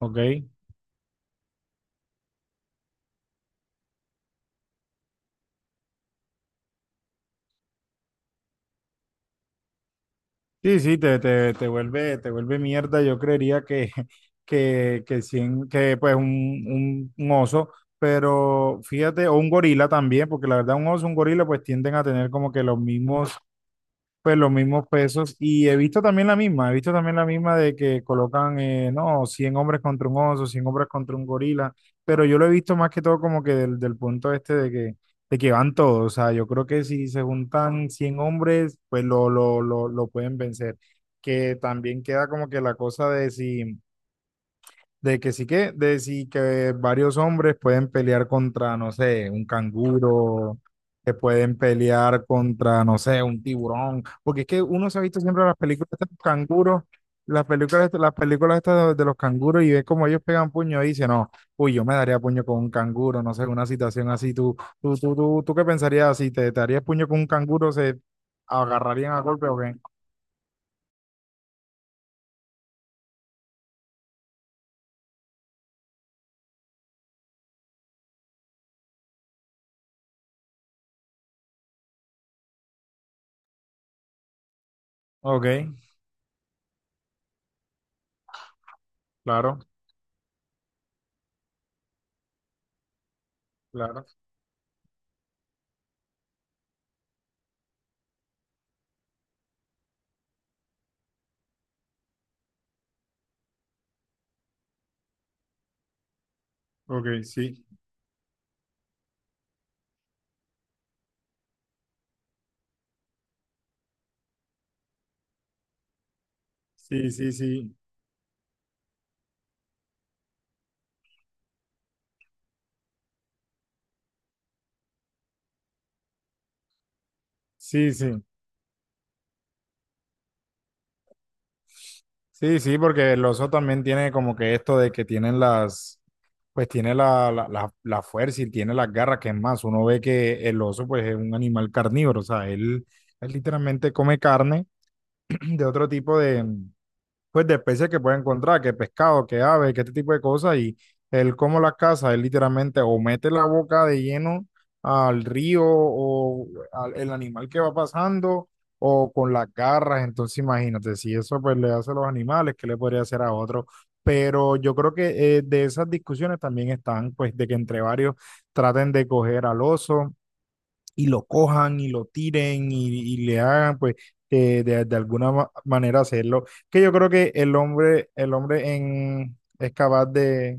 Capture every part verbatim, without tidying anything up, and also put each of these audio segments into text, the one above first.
Ok. Sí, sí, te, te, te vuelve, te vuelve mierda. Yo creería que, que, que, cien- que pues un, un, un oso, pero fíjate, o un gorila también, porque la verdad un oso, un gorila, pues tienden a tener como que los mismos Pues los mismos pesos. Y he visto también la misma, he visto también la misma de que colocan, eh, no, cien hombres contra un oso, cien hombres contra un gorila, pero yo lo he visto más que todo como que del, del punto este de que, de que van todos. O sea, yo creo que si se juntan cien hombres, pues lo, lo, lo, lo pueden vencer. Que también queda como que la cosa de si... De que sí que, de sí que varios hombres pueden pelear contra, no sé, un canguro, que pueden pelear contra, no sé, un tiburón. Porque es que uno se ha visto siempre las películas de los canguros, las películas, las películas estas de, de los canguros y ve como ellos pegan puño y dice, no, uy, yo me daría puño con un canguro, no sé, una situación así. ¿Tú, tú, tú, tú, tú qué pensarías? Si te, te harías puño con un canguro, ¿se agarrarían a golpe o qué? Ok, claro, claro. Ok, sí, sí, sí, sí. Sí, sí. Sí, sí, porque el oso también tiene como que esto de que tienen las, pues tiene la, la, la, la fuerza y tiene las garras, que es más, uno ve que el oso pues es un animal carnívoro, o sea, él, él literalmente come carne de otro tipo de, pues de especies que puede encontrar, que pescado, que ave, que este tipo de cosas, y él como las caza, él literalmente o mete la boca de lleno al río o al el animal que va pasando o con las garras, entonces imagínate, si eso pues le hace a los animales, ¿qué le podría hacer a otro? Pero yo creo que eh, de esas discusiones también están, pues, de que entre varios traten de coger al oso y lo cojan y lo tiren y, y le hagan, pues, eh, de, de alguna ma- manera hacerlo. Que yo creo que el hombre, el hombre en, es capaz de,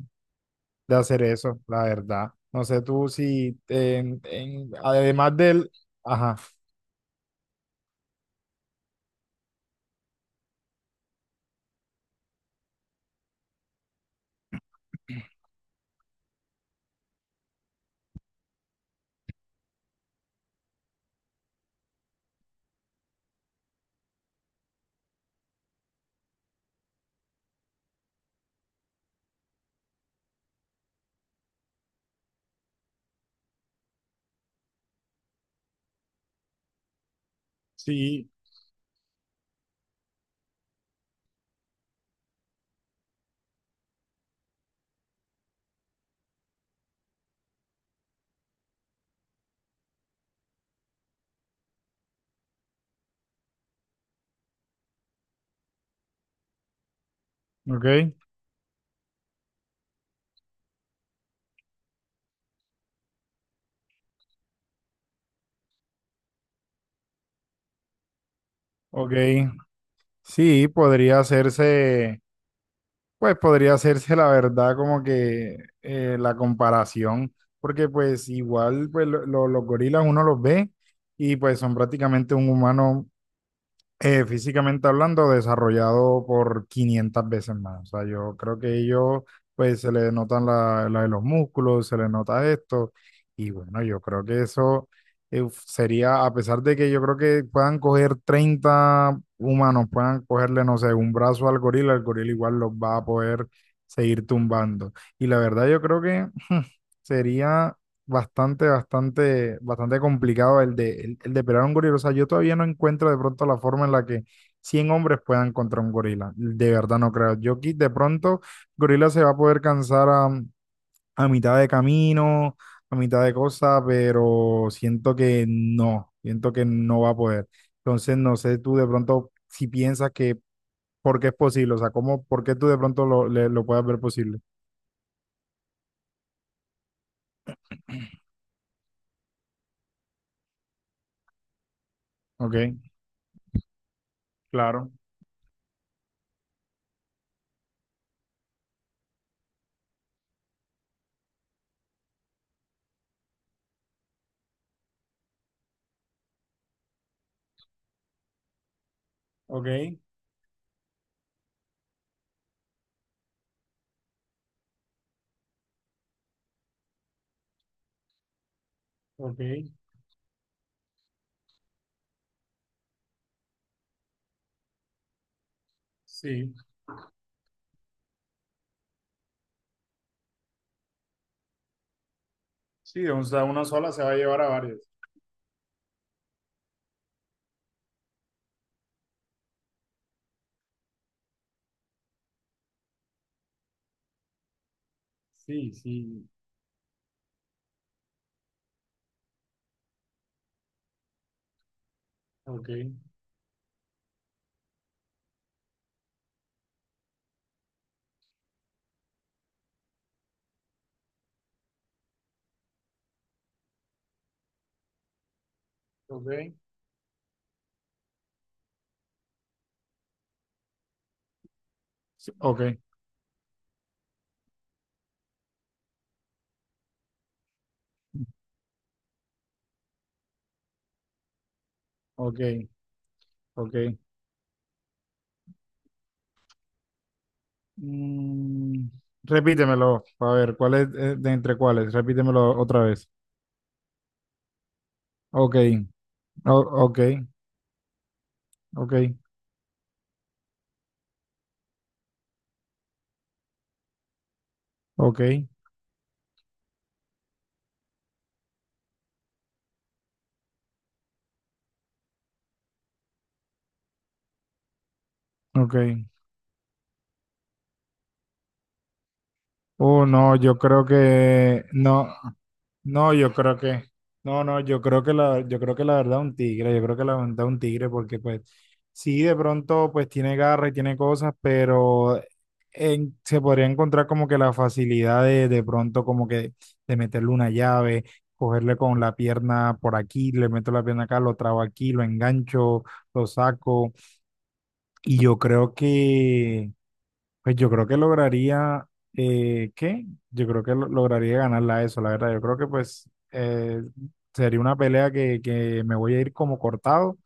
de hacer eso, la verdad. No sé tú si, en- en- además del, ajá, sí, ok, ok, sí, podría hacerse. Pues podría hacerse la verdad como que eh, la comparación, porque pues igual pues, lo- lo- los gorilas uno los ve y pues son prácticamente un humano eh, físicamente hablando, desarrollado por quinientas veces más. O sea, yo creo que ellos, pues se le notan la, la de los músculos, se le nota esto. Y bueno, yo creo que eso eh, sería, a pesar de que yo creo que puedan coger treinta humanos, puedan cogerle, no sé, un brazo al gorila, el gorila igual los va a poder seguir tumbando. Y la verdad, yo creo que sería bastante, bastante, bastante complicado el de, el, el de pelear a un gorila. O sea, yo todavía no encuentro de pronto la forma en la que cien hombres puedan contra un gorila. De verdad no creo. Yo aquí de pronto, gorila se va a poder cansar a, a mitad de camino, a mitad de cosa, pero siento que no, siento que no va a poder. Entonces, no sé tú de pronto si piensas que, ¿por qué es posible? O sea, ¿cómo, por qué tú de pronto lo, le- lo puedas ver posible? Ok, claro, ok, ok, sí. Sí, o sea, una sola se va a llevar a varias. Sí, sí. Ok, ok. Sí, ok, ok, ok. Mm, repítemelo, a ver, ¿cuál es eh, de entre cuáles? Repítemelo otra vez. Ok, o- ok, ok, ok, ok. Oh, no, yo creo que no. No, yo creo que, no, no, yo creo que la, yo creo que la verdad un tigre, yo creo que la verdad un tigre, porque pues sí, de pronto pues tiene garra y tiene cosas, pero en- se podría encontrar como que la facilidad de de pronto como que de meterle una llave, cogerle con la pierna por aquí, le meto la pierna acá, lo trabo aquí, lo engancho, lo saco, y yo creo que pues yo creo que lograría, eh, ¿qué? Yo creo que lo- lograría ganarla a eso, la verdad. Yo creo que pues eh, sería una pelea que, que me voy a ir como cortado,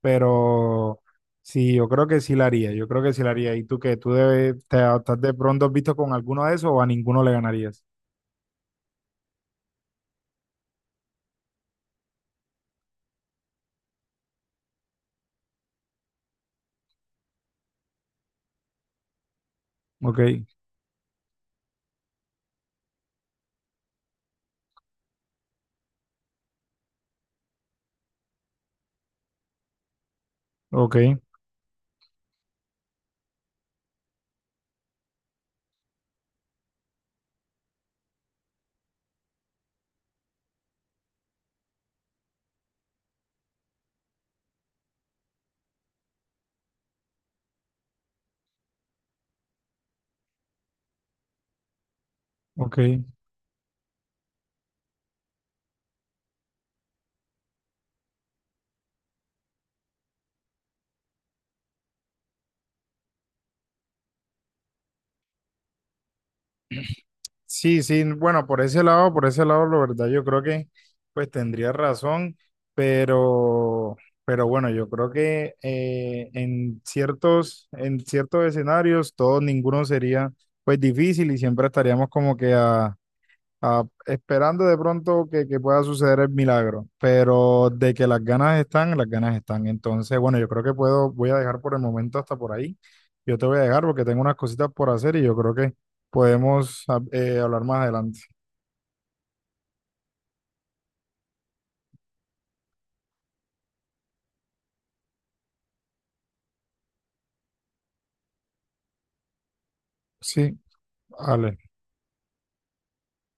pero sí, yo creo que sí la haría, yo creo que sí la haría. ¿Y tú qué? ¿Tú debes, te estás de pronto visto con alguno de esos o a ninguno le ganarías? Ok, ok, ok. Sí, sí, bueno, por ese lado, por ese lado, la verdad, yo creo que pues tendría razón, pero, pero bueno, yo creo que eh, en ciertos, en ciertos escenarios, todo, ninguno sería pues difícil y siempre estaríamos como que a, ah, esperando de pronto que, que pueda suceder el milagro, pero de que las ganas están, las ganas están. Entonces, bueno, yo creo que puedo, voy a dejar por el momento hasta por ahí. Yo te voy a dejar porque tengo unas cositas por hacer y yo creo que podemos ah, eh, hablar más adelante. Sí, vale.